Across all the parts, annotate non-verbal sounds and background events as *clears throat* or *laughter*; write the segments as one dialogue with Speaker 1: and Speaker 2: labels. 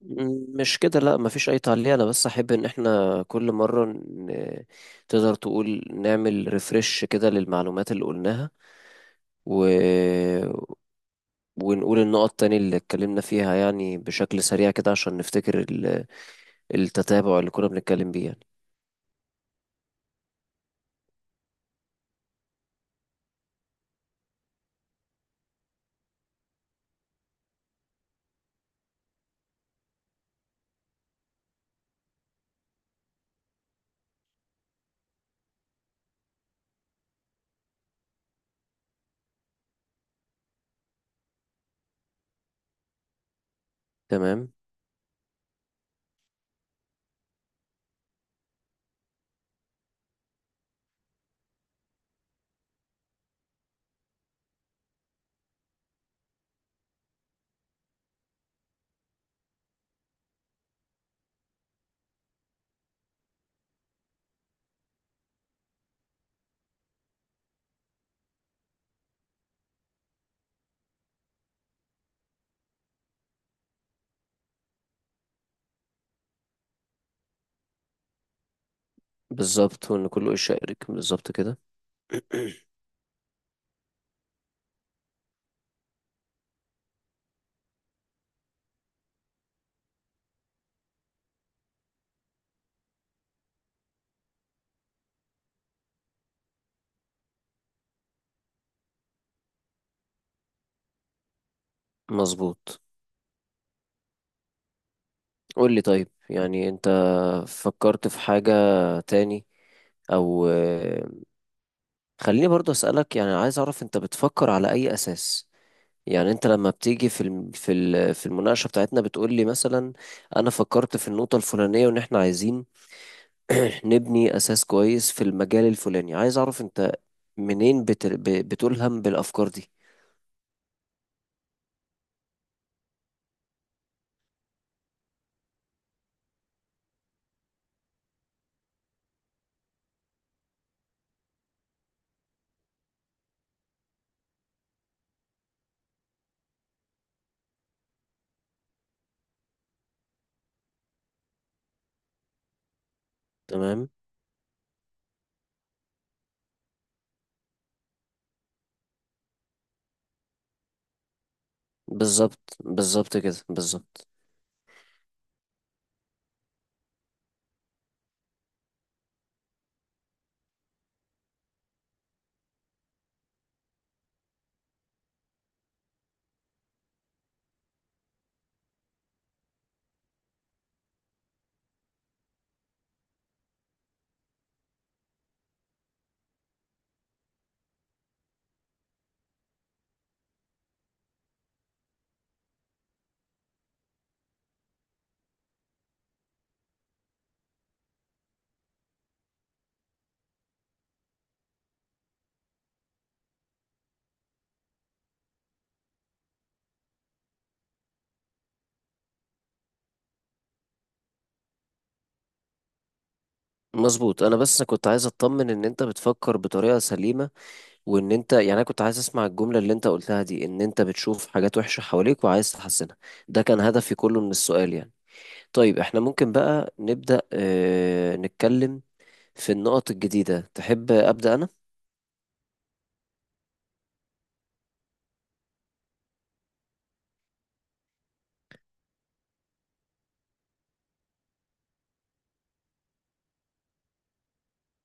Speaker 1: مش كده، لا، مفيش اي تعليق. انا بس احب ان احنا كل مرة تقدر تقول نعمل ريفرش كده للمعلومات اللي قلناها، و... ونقول النقط تاني اللي اتكلمنا فيها، يعني بشكل سريع كده عشان نفتكر التتابع اللي كنا بنتكلم بيه يعني. تمام. بالظبط، وان كله يشارك بالظبط كده. *clears throat* مظبوط. قول لي، طيب يعني انت فكرت في حاجة تاني؟ او خليني برضه أسألك، يعني عايز أعرف أنت بتفكر على أي أساس. يعني أنت لما بتيجي في في المناقشة بتاعتنا بتقول لي مثلا أنا فكرت في النقطة الفلانية وإن إحنا عايزين *clears throat* نبني أساس كويس في المجال الفلاني. عايز أعرف أنت منين بتلهم بالأفكار دي. تمام، بالظبط بالظبط كده، بالظبط. مظبوط. أنا بس كنت عايز أطمن إن أنت بتفكر بطريقة سليمة، وان انت، يعني انا كنت عايز اسمع الجملة اللي انت قلتها دي، ان انت بتشوف حاجات وحشة حواليك وعايز تحسنها. ده كان هدفي كله من السؤال يعني. طيب احنا ممكن بقى نبدأ، اه، نتكلم في النقط الجديدة. تحب أبدأ انا؟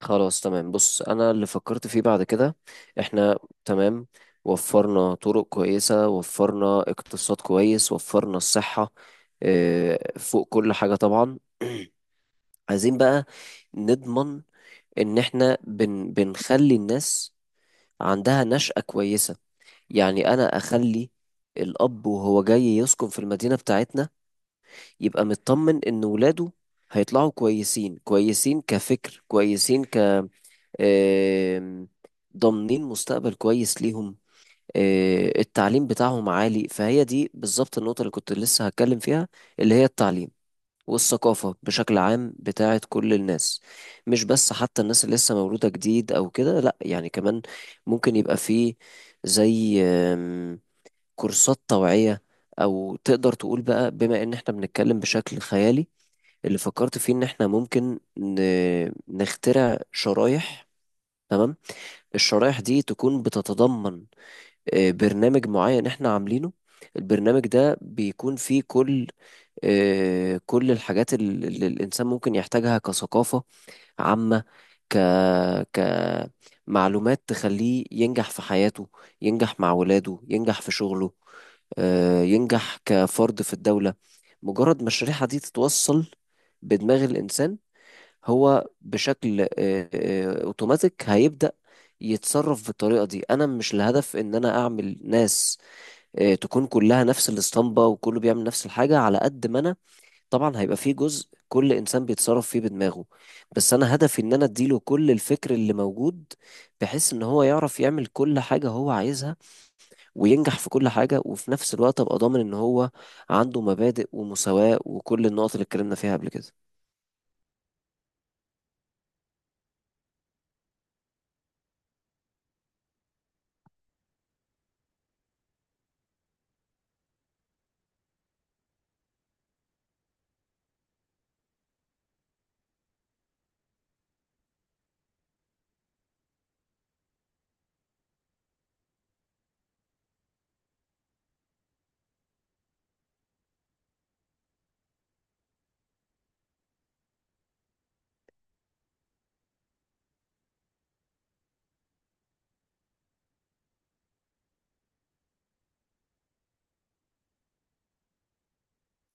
Speaker 1: خلاص تمام. بص، انا اللي فكرت فيه بعد كده، احنا تمام، وفرنا طرق كويسة، وفرنا اقتصاد كويس، وفرنا الصحة، اه، فوق كل حاجة طبعا. *clears throat* عايزين بقى نضمن ان احنا بنخلي الناس عندها نشأة كويسة. يعني أنا أخلي الأب وهو جاي يسكن في المدينة بتاعتنا يبقى مطمن إن ولاده هيطلعوا كويسين، كويسين كفكر، كويسين، ك آم، ضامنين مستقبل كويس ليهم، التعليم بتاعهم عالي. فهي دي بالظبط النقطة اللي كنت لسه هتكلم فيها، اللي هي التعليم والثقافة بشكل عام بتاعت كل الناس. مش بس حتى الناس اللي لسه مولودة جديد أو كده، لأ، يعني كمان ممكن يبقى فيه زي كورسات توعية، أو تقدر تقول بقى، بما إن إحنا بنتكلم بشكل خيالي، اللي فكرت فيه إن إحنا ممكن نخترع شرايح. تمام. الشرايح دي تكون بتتضمن برنامج معين إحنا عاملينه. البرنامج ده بيكون فيه كل كل الحاجات اللي الإنسان ممكن يحتاجها، كثقافة عامة، ك، كمعلومات تخليه ينجح في حياته، ينجح مع ولاده، ينجح في شغله، ينجح كفرد في الدولة. مجرد ما الشريحة دي تتوصل بدماغ الإنسان، هو بشكل أوتوماتيك هيبدأ يتصرف بالطريقة دي. أنا مش الهدف إن أنا أعمل ناس تكون كلها نفس الاسطمبة وكله بيعمل نفس الحاجة. على قد ما أنا طبعا هيبقى فيه جزء كل انسان بيتصرف فيه بدماغه، بس انا هدفي ان انا اديله كل الفكر اللي موجود، بحيث ان هو يعرف يعمل كل حاجة هو عايزها وينجح في كل حاجة، وفي نفس الوقت ابقى ضامن ان هو عنده مبادئ ومساواة وكل النقط اللي اتكلمنا فيها قبل كده.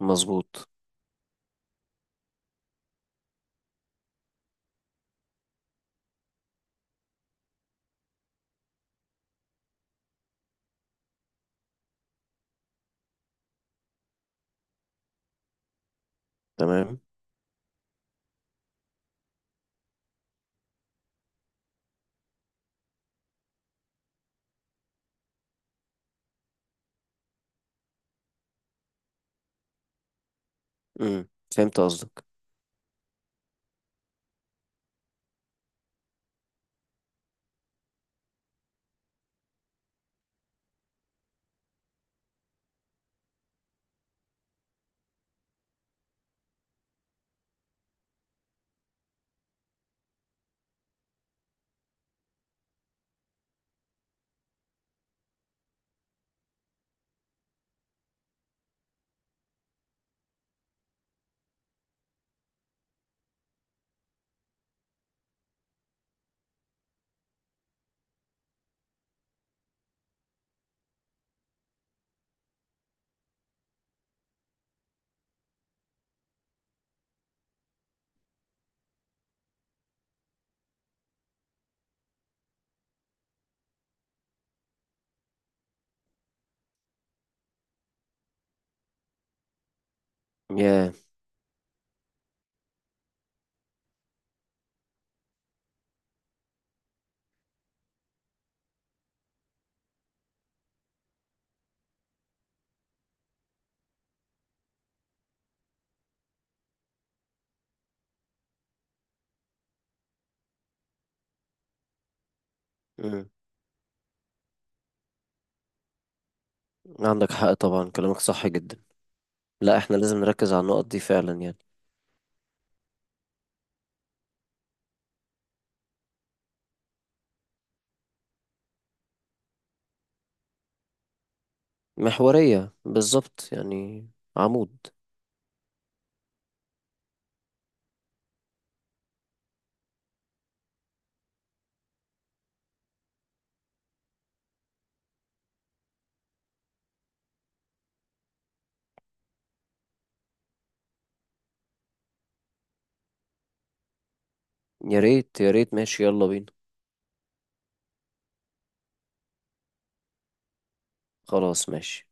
Speaker 1: مظبوط. تمام. امم، فهمت قصدك. يا، امم، عندك حق طبعا، كلامك صح جدا. لا احنا لازم نركز على النقط دي فعلا يعني. محورية بالظبط يعني، عمود. يا ريت يا ريت، ماشي، يلا بينا. خلاص ماشي.